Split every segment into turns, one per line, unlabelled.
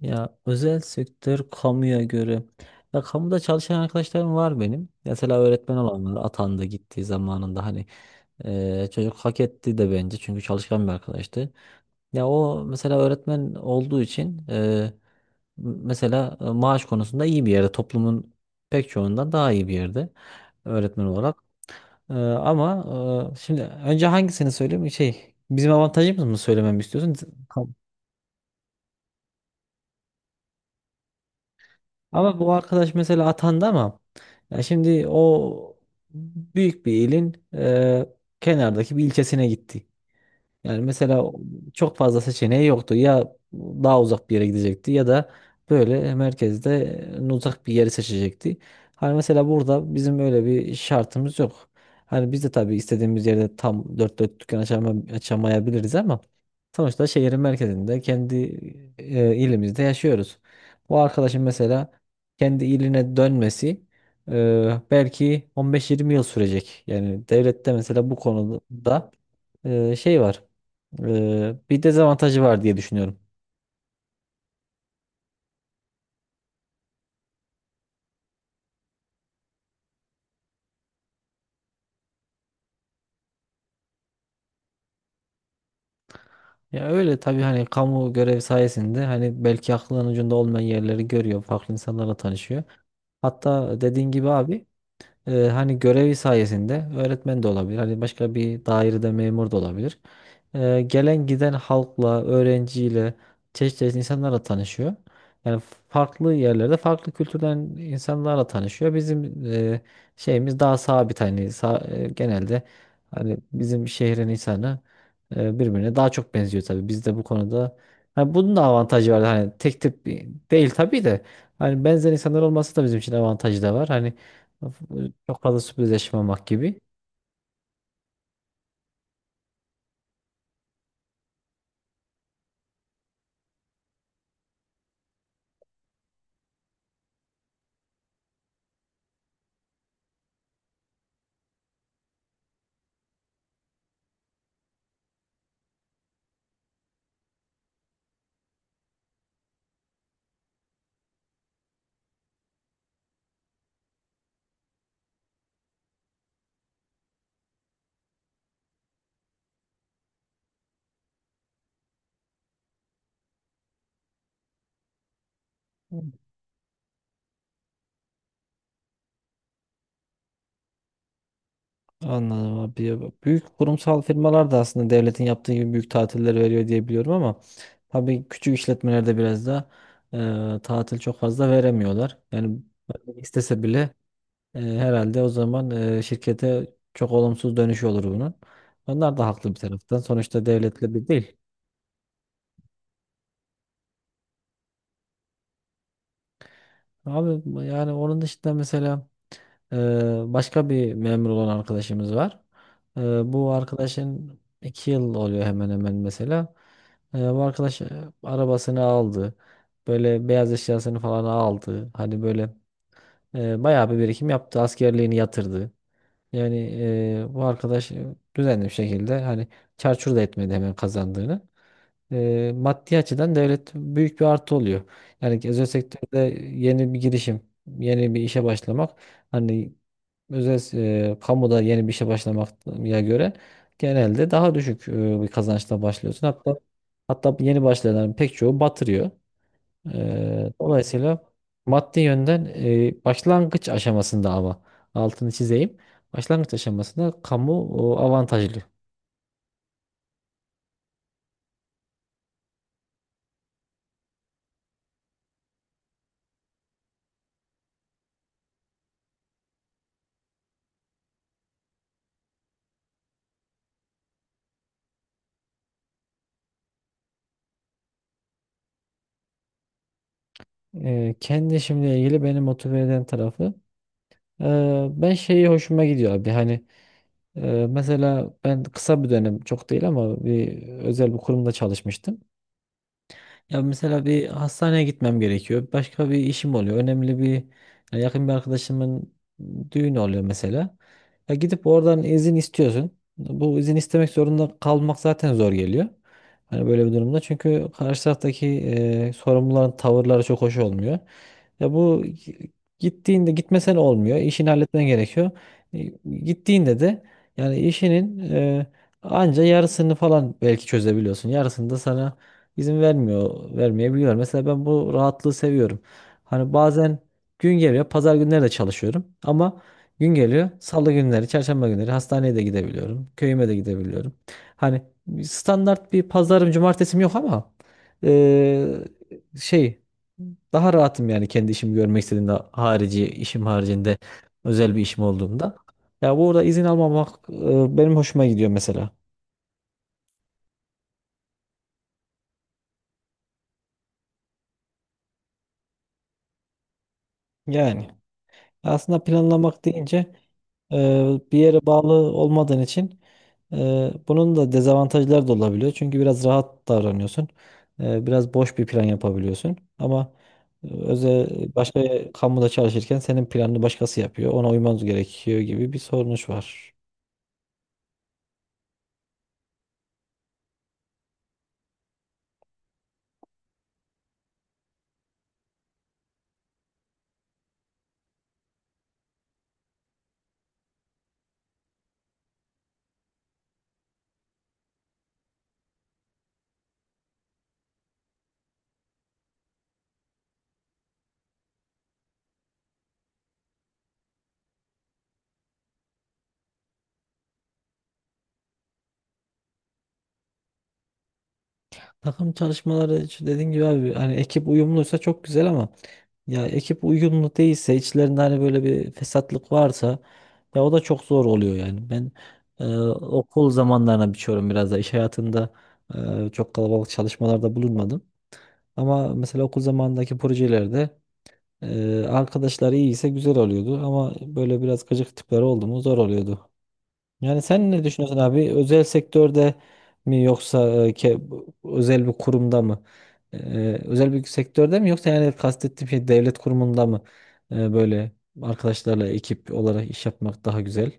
Ya özel sektör kamuya göre. Ya kamuda çalışan arkadaşlarım var benim. Mesela öğretmen olanlar atandı gittiği zamanında hani çocuk hak etti de bence çünkü çalışkan bir arkadaştı. Ya o mesela öğretmen olduğu için mesela maaş konusunda iyi bir yerde toplumun pek çoğundan daha iyi bir yerde öğretmen olarak. Ama şimdi önce hangisini söyleyeyim şey bizim avantajımız mı söylememi istiyorsun? Kam- Ama bu arkadaş mesela atandı ama ya şimdi o büyük bir ilin kenardaki bir ilçesine gitti. Yani mesela çok fazla seçeneği yoktu. Ya daha uzak bir yere gidecekti ya da böyle merkezde uzak bir yeri seçecekti. Hani mesela burada bizim öyle bir şartımız yok. Hani biz de tabii istediğimiz yerde tam dört dört dükkan açamayabiliriz ama sonuçta şehrin merkezinde kendi ilimizde yaşıyoruz. Bu arkadaşın mesela kendi iline dönmesi belki 15-20 yıl sürecek. Yani devlette mesela bu konuda şey var. Bir dezavantajı var diye düşünüyorum. Ya öyle tabii hani kamu görev sayesinde hani belki aklının ucunda olmayan yerleri görüyor, farklı insanlarla tanışıyor. Hatta dediğin gibi abi hani görevi sayesinde öğretmen de olabilir. Hani başka bir dairede memur da olabilir. Gelen giden halkla, öğrenciyle, çeşitli çeşitli insanlarla tanışıyor. Yani farklı yerlerde farklı kültürden insanlarla tanışıyor. Bizim şeyimiz daha sabit hani genelde hani bizim şehrin insanı birbirine daha çok benziyor tabii. Biz de bu konuda hani bunun da avantajı var. Hani tek tip değil tabii de hani benzer insanlar olması da bizim için avantajı da var. Hani çok fazla sürpriz yaşamamak gibi. Anladım abi. Ya büyük kurumsal firmalar da aslında devletin yaptığı gibi büyük tatiller veriyor diye biliyorum ama tabii küçük işletmelerde biraz da tatil çok fazla veremiyorlar. Yani istese bile herhalde o zaman şirkete çok olumsuz dönüşü olur bunun. Onlar da haklı bir taraftan. Sonuçta devletle bir değil. Abi yani onun dışında mesela başka bir memur olan arkadaşımız var. Bu arkadaşın 2 yıl oluyor hemen hemen mesela. Bu arkadaş arabasını aldı. Böyle beyaz eşyasını falan aldı. Hani böyle bayağı bir birikim yaptı. Askerliğini yatırdı. Yani bu arkadaş düzenli bir şekilde hani çarçur da etmedi hemen kazandığını maddi açıdan devlet büyük bir artı oluyor. Yani özel sektörde yeni bir girişim, yeni bir işe başlamak hani özel kamuda yeni bir işe başlamaya göre genelde daha düşük bir kazançla başlıyorsun. Hatta yeni başlayanların pek çoğu batırıyor. Dolayısıyla maddi yönden başlangıç aşamasında ama altını çizeyim. Başlangıç aşamasında kamu avantajlı. Kendi işimle ilgili beni motive eden tarafı. Ben şeyi hoşuma gidiyor abi hani mesela ben kısa bir dönem çok değil ama bir özel bir kurumda çalışmıştım. Ya mesela bir hastaneye gitmem gerekiyor. Başka bir işim oluyor. Önemli bir Ya yakın bir arkadaşımın düğünü oluyor mesela. Ya gidip oradan izin istiyorsun. Bu izin istemek zorunda kalmak zaten zor geliyor. Hani böyle bir durumda. Çünkü karşı taraftaki sorumluların tavırları çok hoş olmuyor. Ya gittiğinde gitmesen olmuyor. İşini halletmen gerekiyor. E, Gittiğinde de yani işinin anca yarısını falan belki çözebiliyorsun. Yarısını da sana İzin vermiyor, vermeyebiliyor. Mesela ben bu rahatlığı seviyorum. Hani bazen gün geliyor, pazar günleri de çalışıyorum ama gün geliyor, salı günleri, çarşamba günleri hastaneye de gidebiliyorum, köyüme de gidebiliyorum. Hani standart bir pazarım, cumartesim yok ama eee, şey daha rahatım yani kendi işimi görmek istediğimde harici, işim haricinde özel bir işim olduğunda. Ya burada izin almamak benim hoşuma gidiyor mesela. Yani. Aslında planlamak deyince e, bir yere bağlı olmadığın için e, bunun da dezavantajları da olabiliyor. Çünkü biraz rahat davranıyorsun. Biraz boş bir plan yapabiliyorsun. Ama e, özel başka kamuda çalışırken senin planını başkası yapıyor. Ona uymanız gerekiyor gibi bir sorunuş var. Takım çalışmaları şu dediğin gibi abi hani ekip uyumluysa çok güzel ama ya ekip uyumlu değilse içlerinde hani böyle bir fesatlık varsa ya o da çok zor oluyor yani. Ben okul zamanlarına biçiyorum biraz da iş hayatında çok kalabalık çalışmalarda bulunmadım. Ama mesela okul zamanındaki projelerde arkadaşlar iyiyse güzel oluyordu ama böyle biraz gıcık tipler oldu mu zor oluyordu. Yani sen ne düşünüyorsun abi? Özel sektörde mi yoksa özel bir kurumda mı? E, Özel bir sektörde mi yoksa yani kastettiğim şey devlet kurumunda mı, böyle arkadaşlarla ekip olarak iş yapmak daha güzel?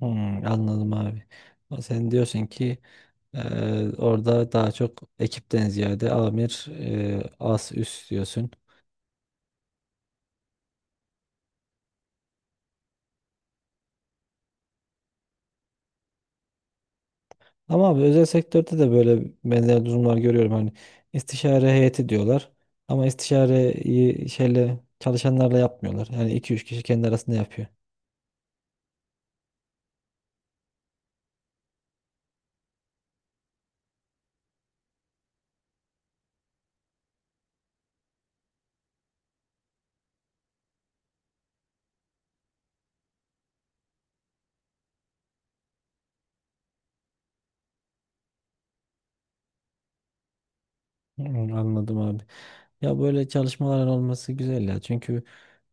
Hmm, anladım abi. Ama sen diyorsun ki orada daha çok ekipten ziyade amir, as üst diyorsun. Ama abi özel sektörde de böyle benzer durumlar görüyorum. Hani istişare heyeti diyorlar. Ama istişareyi şeyle çalışanlarla yapmıyorlar. Yani iki üç kişi kendi arasında yapıyor. Hmm, anladım abi. Ya böyle çalışmaların olması güzel ya. Çünkü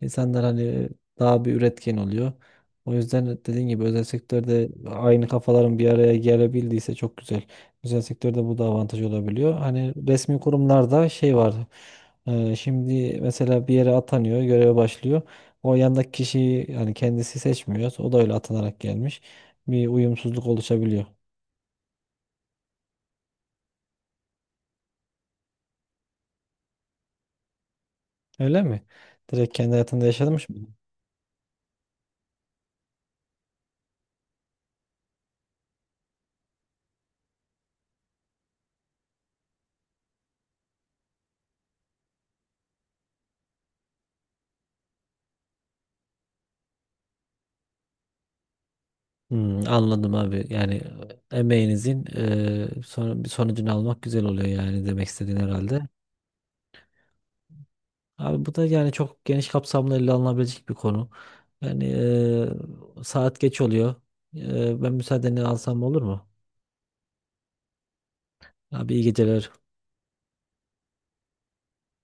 insanlar hani daha bir üretken oluyor. O yüzden dediğin gibi özel sektörde aynı kafaların bir araya gelebildiyse çok güzel. Özel sektörde bu da avantaj olabiliyor. Hani resmi kurumlarda şey var. Şimdi mesela bir yere atanıyor, göreve başlıyor. O yandaki kişiyi yani kendisi seçmiyor. O da öyle atanarak gelmiş. Bir uyumsuzluk oluşabiliyor. Öyle mi? Direkt kendi hayatında yaşamış mı? Hmm, anladım abi. Yani emeğinizin bir sonucunu almak güzel oluyor yani demek istediğin herhalde. Abi bu da yani çok geniş kapsamlı ele alınabilecek bir konu. Yani saat geç oluyor. Ben müsaadeni alsam olur mu? Abi iyi geceler.